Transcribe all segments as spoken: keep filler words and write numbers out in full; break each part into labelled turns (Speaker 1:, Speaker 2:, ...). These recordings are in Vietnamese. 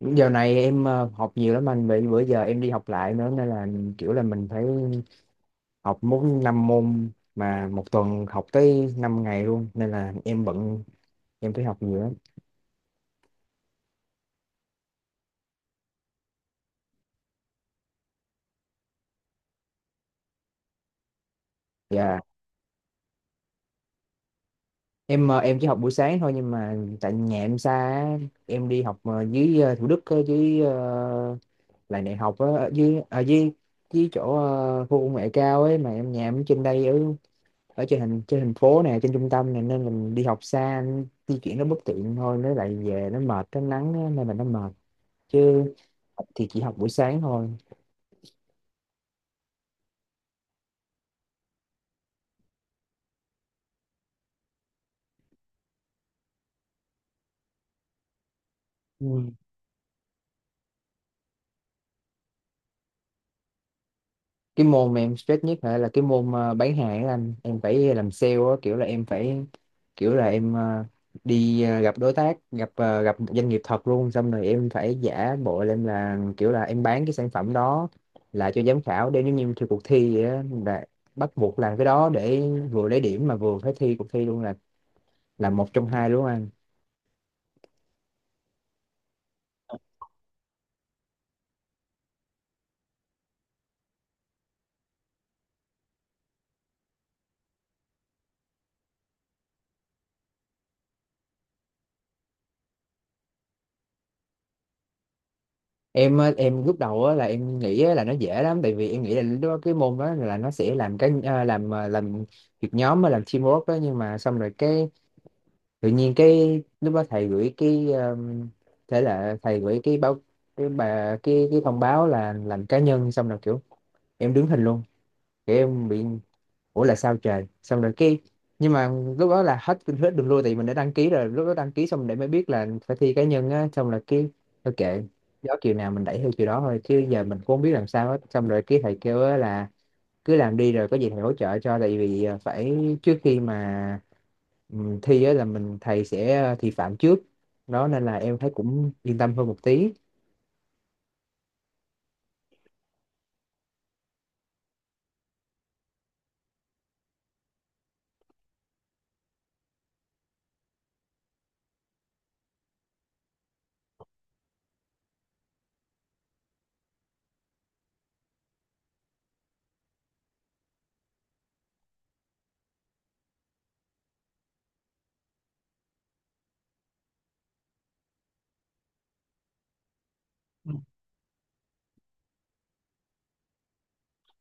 Speaker 1: Giờ này em ờ, học nhiều lắm anh, vì bữa giờ em đi học lại nữa nên là kiểu là mình phải học muốn năm môn, mà một tuần học tới năm ngày luôn nên là em bận, em phải học nhiều lắm. Dạ. Em ờ, em chỉ học buổi sáng thôi, nhưng mà tại nhà em xa á, em đi học ờ, dưới ờ, Thủ Đức á, dưới ờ, lại đại học á, ở dưới, à, dưới dưới chỗ ờ, khu công nghệ cao ấy, mà em nhà em ở trên đây, ở ở trên thành trên thành phố này, trên trung tâm này, nên mình đi học xa, di chuyển nó bất tiện thôi, nó lại về nó mệt cái nắng á, nên là nó mệt, chứ thì chỉ học buổi sáng thôi. Ừ. Cái môn mà em stress nhất hả, là cái môn ờ, bán hàng ấy anh, em phải làm sale á, kiểu là em phải kiểu là em ờ, đi ờ, gặp đối tác, gặp ờ, gặp doanh nghiệp thật luôn, xong rồi em phải giả bộ là em là kiểu là em bán cái sản phẩm đó là cho giám khảo, để giống như thi cuộc thi vậy á, là bắt buộc làm cái đó để vừa lấy điểm mà vừa phải thi cuộc thi luôn, là là một trong hai đúng không anh? Em á, em lúc đầu á, là em nghĩ á, là nó dễ lắm, tại vì em nghĩ là lúc đó cái môn đó là nó sẽ làm cái à, làm à, làm việc nhóm á, làm teamwork đó, nhưng mà xong rồi cái tự nhiên cái lúc đó thầy gửi cái um, thế là thầy gửi cái báo cái bà cái cái thông báo là làm cá nhân, xong rồi kiểu em đứng hình luôn, kiểu em bị ủa là sao trời, xong rồi cái nhưng mà lúc đó là hết hết đường lui, thì mình đã đăng ký rồi, lúc đó đăng ký xong để mới biết là phải thi cá nhân á, xong rồi cái thôi kệ, gió chiều nào mình đẩy theo chiều đó thôi, chứ giờ mình cũng không biết làm sao hết. Xong rồi cái thầy kêu á là cứ làm đi rồi có gì thầy hỗ trợ cho, tại vì ờ, phải trước khi mà ừ, thi á là mình thầy sẽ ờ, thị phạm trước đó, nên là em thấy cũng yên tâm hơn một tí.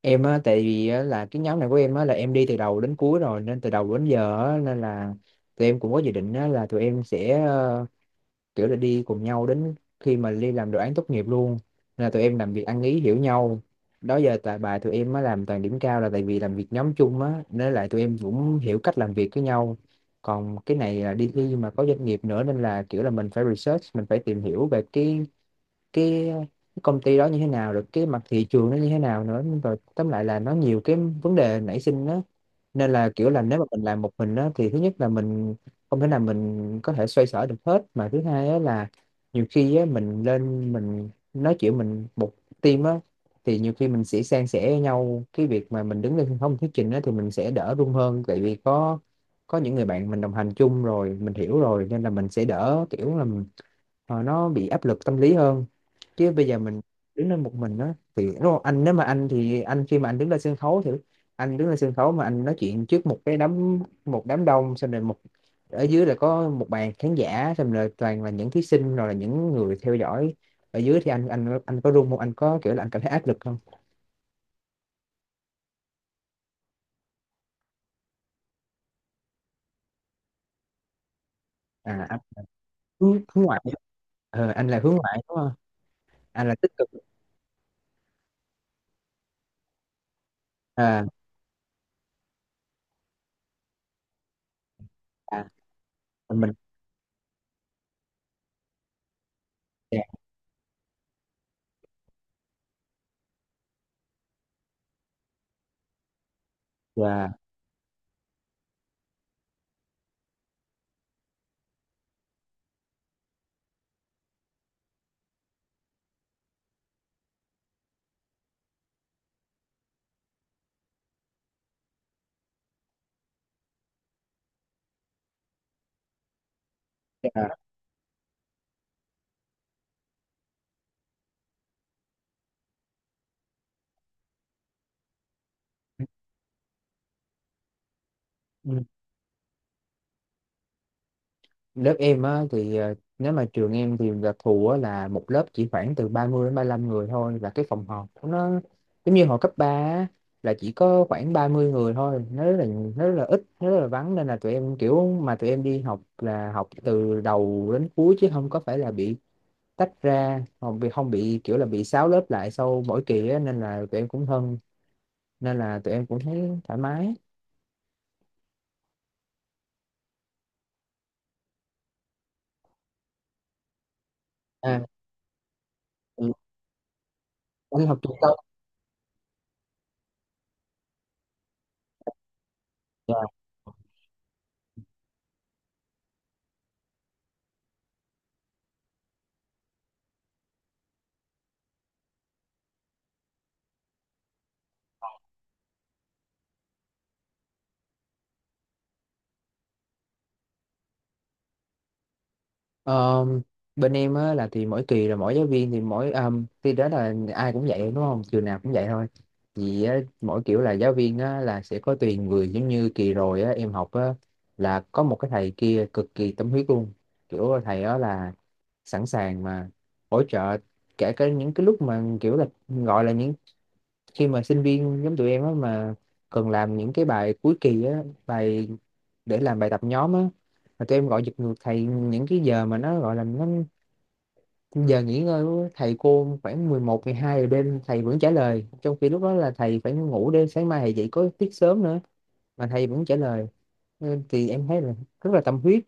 Speaker 1: Em á tại vì á, là cái nhóm này của em á là em đi từ đầu đến cuối rồi nên từ đầu đến giờ á, nên là tụi em cũng có dự định á, là tụi em sẽ ờ, kiểu là đi cùng nhau đến khi mà đi làm đồ án tốt nghiệp luôn, nên là tụi em làm việc ăn ý hiểu nhau, đó giờ tại bài tụi em á làm toàn điểm cao là tại vì làm việc nhóm chung á, nên lại tụi em cũng hiểu cách làm việc với nhau. Còn cái này là đi thi mà có doanh nghiệp nữa, nên là kiểu là mình phải research, mình phải tìm hiểu về cái cái cái công ty đó như thế nào, rồi cái mặt thị trường nó như thế nào nữa, rồi tóm lại là nó nhiều cái vấn đề nảy sinh đó, nên là kiểu là nếu mà mình làm một mình đó, thì thứ nhất là mình không thể nào mình có thể xoay sở được hết, mà thứ hai á là nhiều khi á, mình lên mình nói chuyện mình một team á, thì nhiều khi mình sẽ san sẻ với nhau cái việc mà mình đứng lên sân khấu mình thuyết trình á, thì mình sẽ đỡ run hơn, tại vì có có những người bạn mình đồng hành chung rồi mình hiểu rồi, nên là mình sẽ đỡ kiểu là mình- ờ, nó bị áp lực tâm lý hơn, chứ bây giờ mình đứng lên một mình đó thì đúng không anh? Nếu mà anh thì anh khi mà anh đứng lên sân khấu thì anh đứng lên sân khấu mà anh nói chuyện trước một cái đám một đám đông, xong rồi một ở dưới là có một bàn khán giả, xong rồi toàn là những thí sinh rồi là những người theo dõi ở dưới, thì anh anh anh có run không, anh có kiểu là anh cảm thấy áp lực không? À anh hướng, hướng ngoại, ờ, anh là hướng ngoại đúng không? Anh là tích cực. À, à mình yeah, yeah, yeah. Lớp em á thì ờ, nếu mà trường em thì đặc thù á, là một lớp chỉ khoảng từ ba mươi đến ba lăm người thôi, và cái phòng họp của nó giống như hồi cấp ba á, là chỉ có khoảng ba mươi người thôi, nó rất là nó rất là ít, nó rất là vắng, nên là tụi em kiểu mà tụi em đi học là học từ đầu đến cuối, chứ không có phải là bị tách ra, không bị không bị kiểu là bị sáu lớp lại sau mỗi kỳ á, nên là tụi em cũng thân, nên là tụi em cũng thấy thoải mái. À, ừ, anh học trung tâm. Ờ, bên em á là thì mỗi kỳ là mỗi giáo viên thì mỗi um, thì đó là ai cũng vậy đúng không, trường nào cũng vậy thôi, vì á, mỗi kiểu là giáo viên á, là sẽ có tùy người, giống như kỳ rồi á, em học á, là có một cái thầy kia cực kỳ tâm huyết luôn, kiểu thầy đó là sẵn sàng mà hỗ trợ kể cả những cái lúc mà kiểu là gọi là những khi mà sinh viên giống tụi em á mà cần làm những cái bài cuối kỳ á, bài để làm bài tập nhóm á, mà tụi em gọi giật ngược thầy những cái giờ mà nó gọi là nó giờ nghỉ ngơi của thầy cô khoảng mười một, mười hai giờ đêm, thầy vẫn trả lời, trong khi lúc đó là thầy phải ngủ để sáng mai thầy dậy có tiết sớm nữa, mà thầy vẫn trả lời. Ừ, thì em thấy là rất là tâm huyết,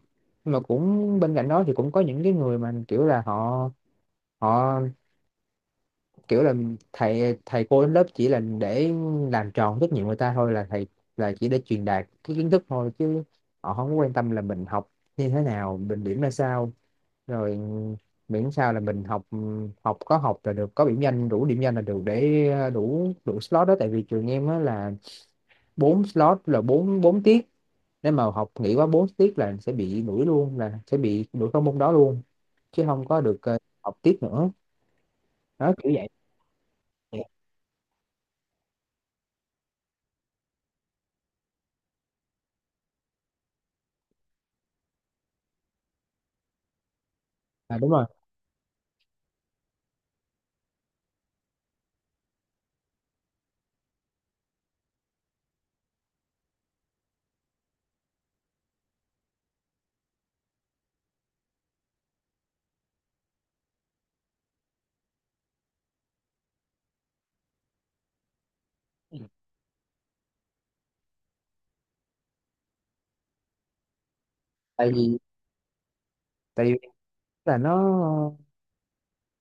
Speaker 1: nhưng mà cũng bên cạnh đó thì cũng có những cái người mà kiểu là họ họ kiểu là thầy thầy cô đến lớp chỉ là để làm tròn trách nhiệm người ta thôi, là thầy là chỉ để truyền đạt cái kiến thức thôi, chứ họ không có quan tâm là mình học như thế nào, mình điểm ra sao, rồi miễn sao là mình học học có học là được, có điểm danh đủ điểm danh là được, để đủ đủ slot đó, tại vì trường em á là bốn slot là bốn bốn tiết, nếu mà học nghỉ quá bốn tiết là sẽ bị đuổi luôn, là sẽ bị đuổi các môn đó luôn, chứ không có được ờ, học tiếp nữa, đó kiểu vậy. À, đúng rồi. Tại vì tại vì là nó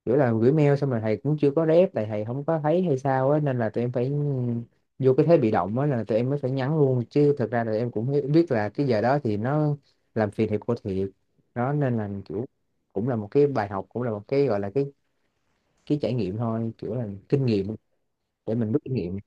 Speaker 1: kiểu là gửi mail xong rồi thầy cũng chưa có rep, tại thầy không có thấy hay sao á, nên là tụi em phải vô cái thế bị động á, là tụi em mới phải nhắn luôn, chứ thực ra là em cũng hi- biết là cái giờ đó thì nó làm phiền thầy cô thiệt, đó nên là kiểu cũng là một cái bài học, cũng là một cái gọi là cái cái trải nghiệm thôi, kiểu là kinh nghiệm để mình rút kinh nghiệm.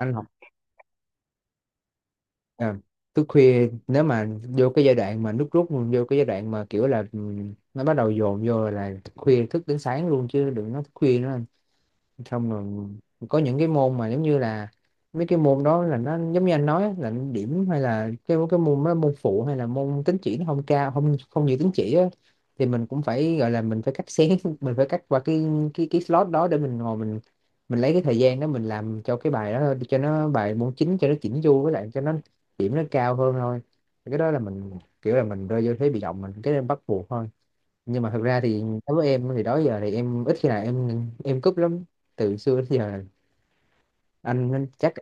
Speaker 1: Anh học, à, thức khuya nếu mà vô cái giai đoạn mà nước rút, vô cái giai đoạn mà kiểu là ừ, nó bắt đầu dồn vô là thức khuya thức đến sáng luôn, chứ đừng nói thức khuya nữa, xong rồi có những cái môn mà giống như là mấy cái môn đó là nó giống như anh nói á, là điểm hay là cái cái môn đó, môn phụ hay là môn tín chỉ nó không cao không không nhiều tín chỉ á, thì mình cũng phải gọi là mình phải cắt xén mình phải cắt qua cái cái cái slot đó để mình ngồi mình mình lấy cái thời gian đó mình làm cho cái bài đó thôi, cho nó bài môn chính cho nó chỉnh chu, với lại cho nó điểm nó cao hơn thôi. Thì cái đó là mình kiểu là mình rơi vô thế bị động mình cái nên bắt buộc thôi, nhưng mà thật ra thì đối với em thì đó giờ thì em ít khi nào em em cúp lắm, từ xưa đến giờ. anh anh chắc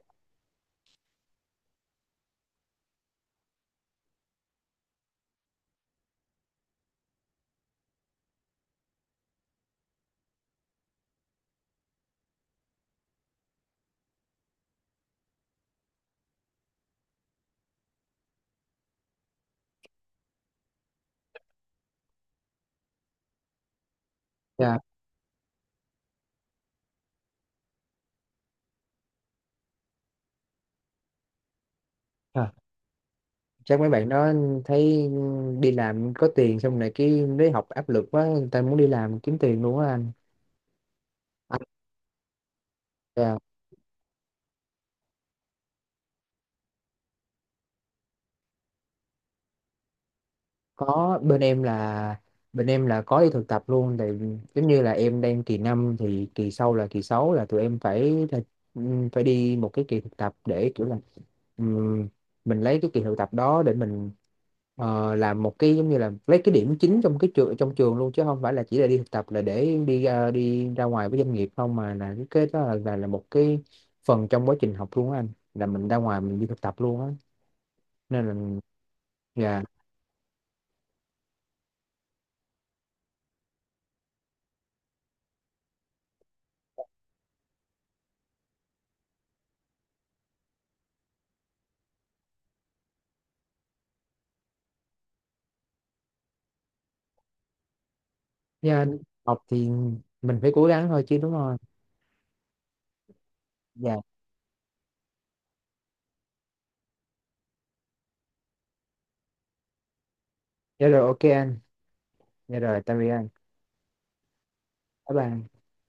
Speaker 1: à, à, chắc mấy bạn đó thấy đi làm có tiền xong này cái lấy học áp lực quá, người ta muốn đi làm kiếm tiền luôn á anh. Anh à, có bên em là bên em là có đi thực tập luôn, thì giống như là em đang kỳ năm thì kỳ sau là kỳ sáu là tụi em phải là, ừm, phải đi một cái kỳ thực tập để kiểu là ừm, mình lấy cái kỳ thực tập đó để mình ờ, làm một cái giống như là lấy cái điểm chính trong cái trường trong trường luôn, chứ không phải là chỉ là đi thực tập là để đi ra- đi ra ngoài với doanh nghiệp không, mà là cái cái đó là, là là một cái phần trong quá trình học luôn á anh, là mình ra ngoài mình đi thực tập luôn á, nên là dạ. Dạ, anh. Học thì mình phải cố gắng thôi chứ đúng không? Dạ, dạ rồi ok anh. Dạ rồi, tạm biệt anh. Bye bye.